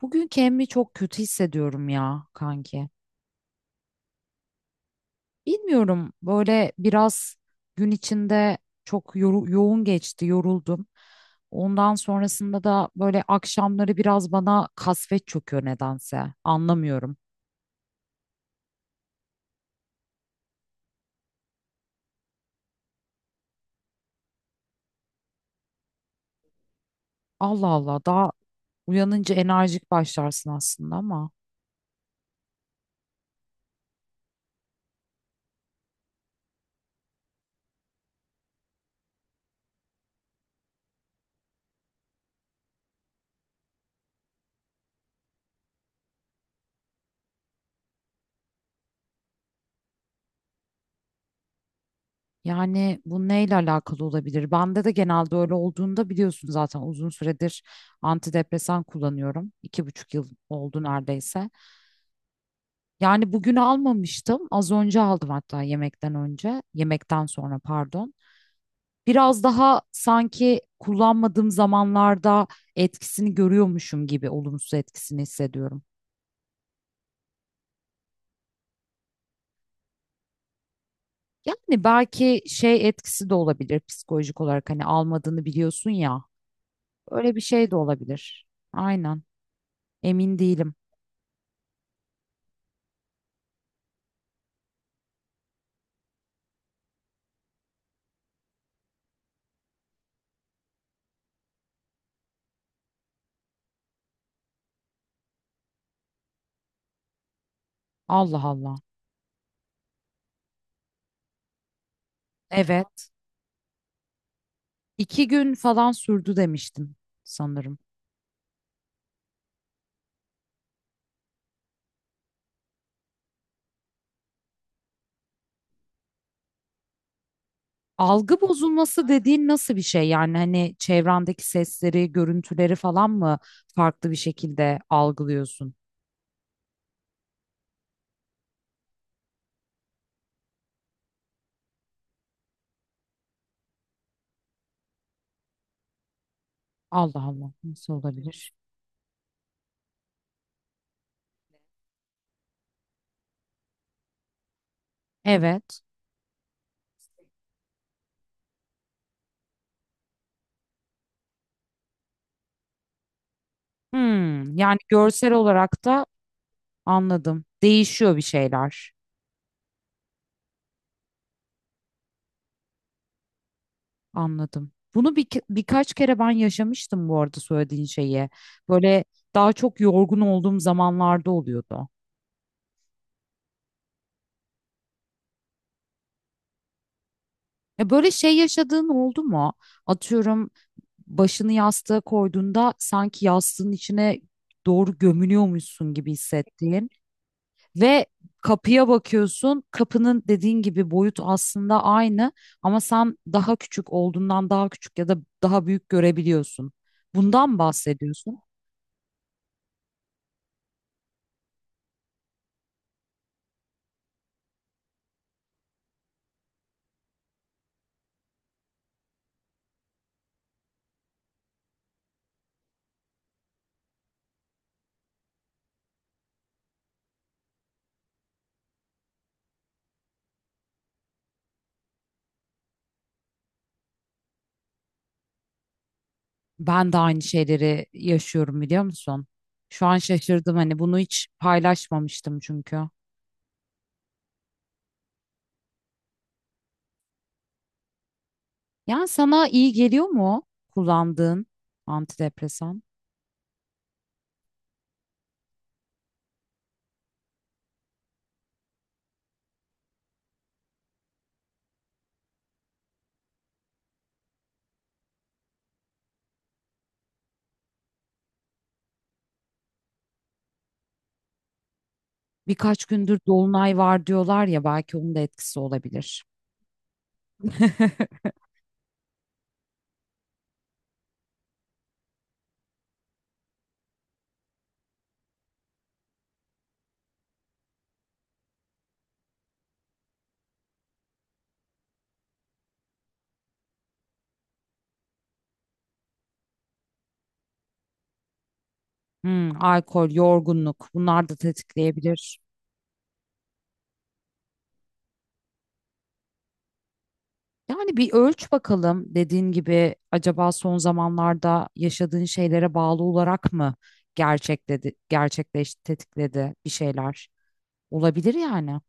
Bugün kendimi çok kötü hissediyorum ya kanki. Bilmiyorum böyle biraz gün içinde çok yoğun geçti, yoruldum. Ondan sonrasında da böyle akşamları biraz bana kasvet çöküyor nedense. Anlamıyorum. Allah Allah daha uyanınca enerjik başlarsın aslında ama yani bu neyle alakalı olabilir? Bende de genelde öyle olduğunda biliyorsun zaten uzun süredir antidepresan kullanıyorum. 2,5 yıl oldu neredeyse. Yani bugün almamıştım. Az önce aldım hatta yemekten önce. Yemekten sonra pardon. Biraz daha sanki kullanmadığım zamanlarda etkisini görüyormuşum gibi olumsuz etkisini hissediyorum. Yani belki şey etkisi de olabilir psikolojik olarak hani almadığını biliyorsun ya. Öyle bir şey de olabilir. Aynen. Emin değilim. Allah Allah. Evet. 2 gün falan sürdü demiştim sanırım. Algı bozulması dediğin nasıl bir şey? Yani hani çevrendeki sesleri, görüntüleri falan mı farklı bir şekilde algılıyorsun? Allah Allah, nasıl olabilir? Evet. Hmm, yani görsel olarak da anladım. Değişiyor bir şeyler. Anladım. Bunu birkaç kere ben yaşamıştım bu arada söylediğin şeyi. Böyle daha çok yorgun olduğum zamanlarda oluyordu. E böyle şey yaşadığın oldu mu? Atıyorum başını yastığa koyduğunda sanki yastığın içine doğru gömülüyormuşsun gibi hissettiğin ve kapıya bakıyorsun. Kapının dediğin gibi boyut aslında aynı ama sen daha küçük olduğundan daha küçük ya da daha büyük görebiliyorsun. Bundan bahsediyorsun? Ben de aynı şeyleri yaşıyorum biliyor musun? Şu an şaşırdım hani bunu hiç paylaşmamıştım çünkü. Yani sana iyi geliyor mu kullandığın antidepresan? Birkaç gündür dolunay var diyorlar ya belki onun da etkisi olabilir. Hmm, alkol, yorgunluk bunlar da tetikleyebilir. Yani bir ölç bakalım dediğin gibi acaba son zamanlarda yaşadığın şeylere bağlı olarak mı gerçekleşti, tetikledi bir şeyler? Olabilir yani.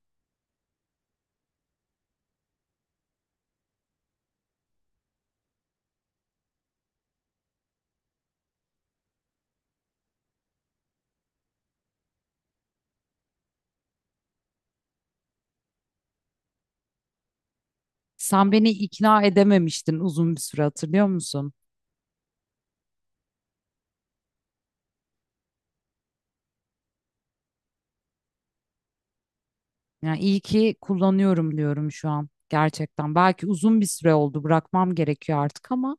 Sen beni ikna edememiştin uzun bir süre hatırlıyor musun? Yani iyi ki kullanıyorum diyorum şu an gerçekten. Belki uzun bir süre oldu bırakmam gerekiyor artık ama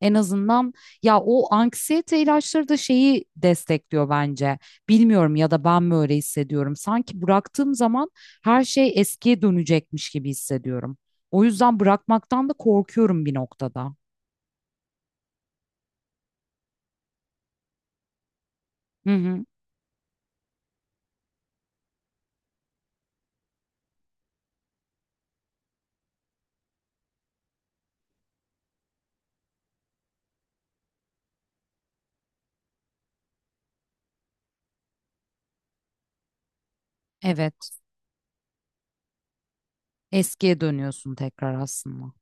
en azından ya o anksiyete ilaçları da şeyi destekliyor bence. Bilmiyorum ya da ben mi öyle hissediyorum. Sanki bıraktığım zaman her şey eskiye dönecekmiş gibi hissediyorum. O yüzden bırakmaktan da korkuyorum bir noktada. Hı hı. Evet. Eskiye dönüyorsun tekrar aslında.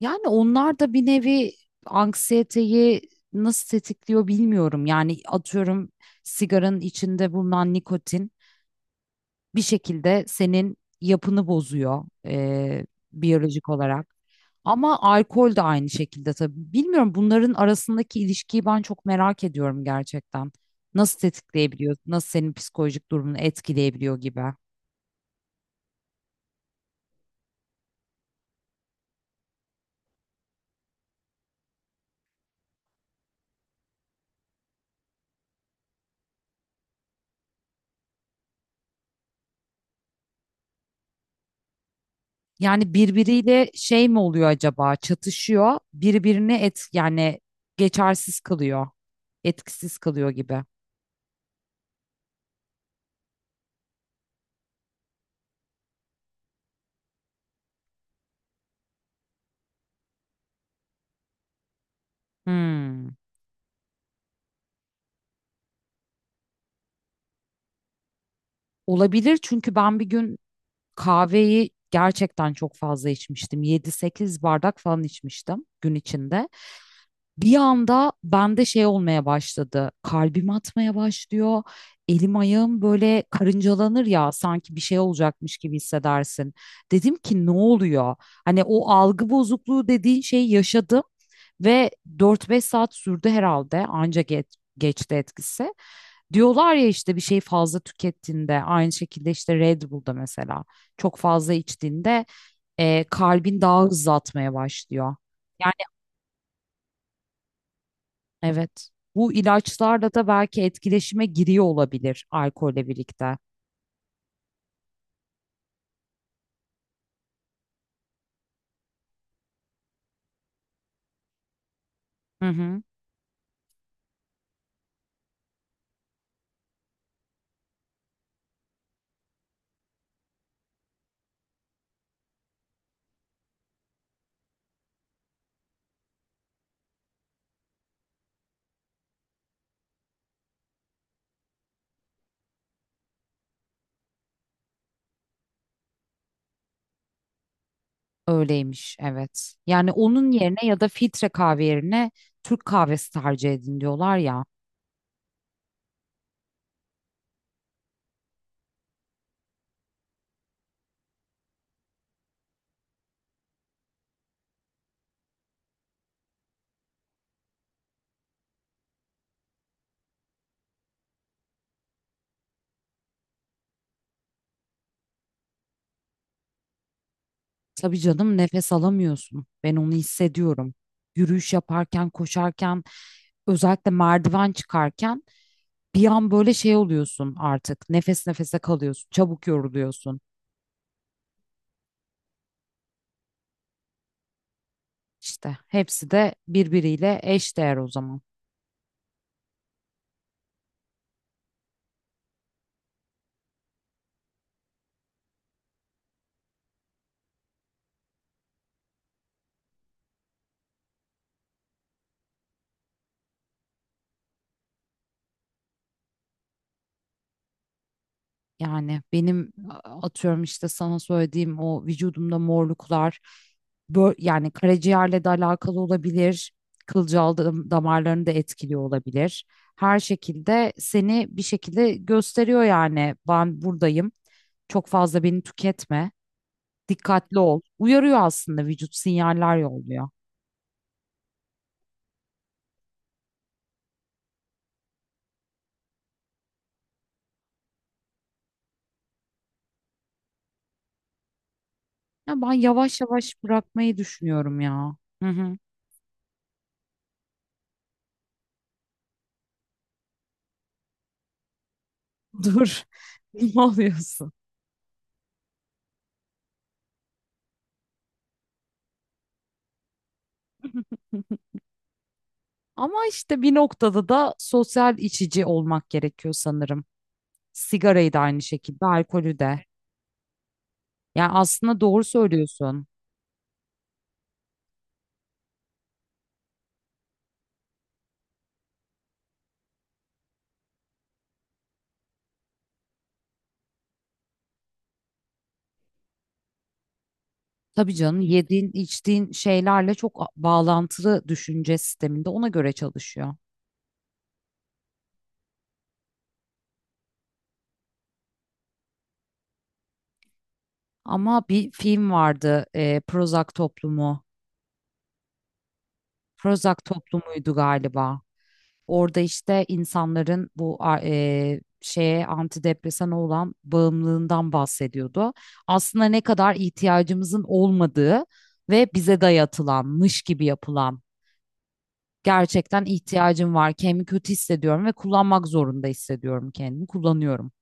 Yani onlar da bir nevi anksiyeteyi nasıl tetikliyor bilmiyorum. Yani atıyorum sigaranın içinde bulunan nikotin bir şekilde senin yapını bozuyor biyolojik olarak. Ama alkol de aynı şekilde tabii. Bilmiyorum bunların arasındaki ilişkiyi ben çok merak ediyorum gerçekten. Nasıl tetikleyebiliyor, nasıl senin psikolojik durumunu etkileyebiliyor gibi. Yani birbiriyle şey mi oluyor acaba? Çatışıyor. Birbirini yani geçersiz kılıyor. Etkisiz kılıyor gibi. Hmm. Olabilir çünkü ben bir gün kahveyi gerçekten çok fazla içmiştim. 7-8 bardak falan içmiştim gün içinde. Bir anda bende şey olmaya başladı. Kalbim atmaya başlıyor. Elim ayağım böyle karıncalanır ya sanki bir şey olacakmış gibi hissedersin. Dedim ki ne oluyor? Hani o algı bozukluğu dediğin şeyi yaşadım ve 4-5 saat sürdü herhalde anca geçti etkisi. Diyorlar ya işte bir şey fazla tükettiğinde aynı şekilde işte Red Bull'da mesela çok fazla içtiğinde kalbin daha hızlı atmaya başlıyor. Yani evet. Bu ilaçlarla da belki etkileşime giriyor olabilir alkolle birlikte. Hı hı. Öyleymiş, evet. Yani onun yerine ya da filtre kahve yerine Türk kahvesi tercih edin diyorlar ya. Tabii canım nefes alamıyorsun. Ben onu hissediyorum. Yürüyüş yaparken, koşarken, özellikle merdiven çıkarken bir an böyle şey oluyorsun artık. Nefes nefese kalıyorsun, çabuk yoruluyorsun. İşte hepsi de birbiriyle eşdeğer o zaman. Yani benim atıyorum işte sana söylediğim o vücudumda morluklar yani karaciğerle de alakalı olabilir. Kılcal damarlarını da etkiliyor olabilir. Her şekilde seni bir şekilde gösteriyor yani ben buradayım. Çok fazla beni tüketme. Dikkatli ol. Uyarıyor aslında vücut sinyaller yolluyor. Ya ben yavaş yavaş bırakmayı düşünüyorum ya. Hı hı. Dur. Ne oluyorsun? Ama işte bir noktada da sosyal içici olmak gerekiyor sanırım. Sigarayı da aynı şekilde, alkolü de. Yani aslında doğru söylüyorsun. Tabii canım yediğin, içtiğin şeylerle çok bağlantılı düşünce sisteminde ona göre çalışıyor. Ama bir film vardı, Prozac Toplumu. Prozac Toplumu'ydu galiba. Orada işte insanların bu şeye antidepresana olan bağımlılığından bahsediyordu. Aslında ne kadar ihtiyacımızın olmadığı ve bize dayatılanmış gibi yapılan gerçekten ihtiyacım var, kendimi kötü hissediyorum ve kullanmak zorunda hissediyorum kendimi, kullanıyorum.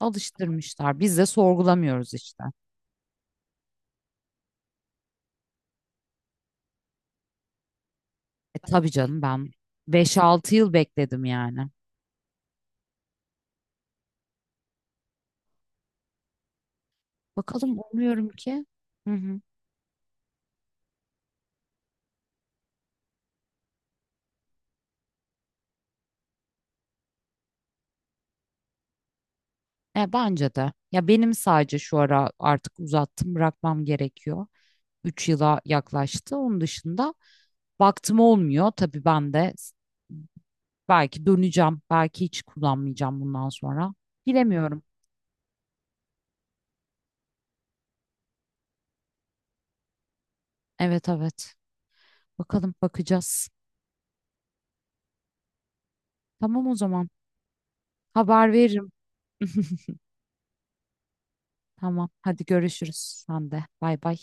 Alıştırmışlar. Biz de sorgulamıyoruz işte. E, tabii canım ben 5-6 yıl bekledim yani. Bakalım umuyorum ki. Hı hı. E, bence de. Ya benim sadece şu ara artık uzattım bırakmam gerekiyor. 3 yıla yaklaştı. Onun dışında baktım olmuyor. Tabii ben de belki döneceğim. Belki hiç kullanmayacağım bundan sonra. Bilemiyorum. Evet evet. Bakalım bakacağız. Tamam o zaman. Haber veririm. Tamam. Hadi görüşürüz. Sen de. Bay bay.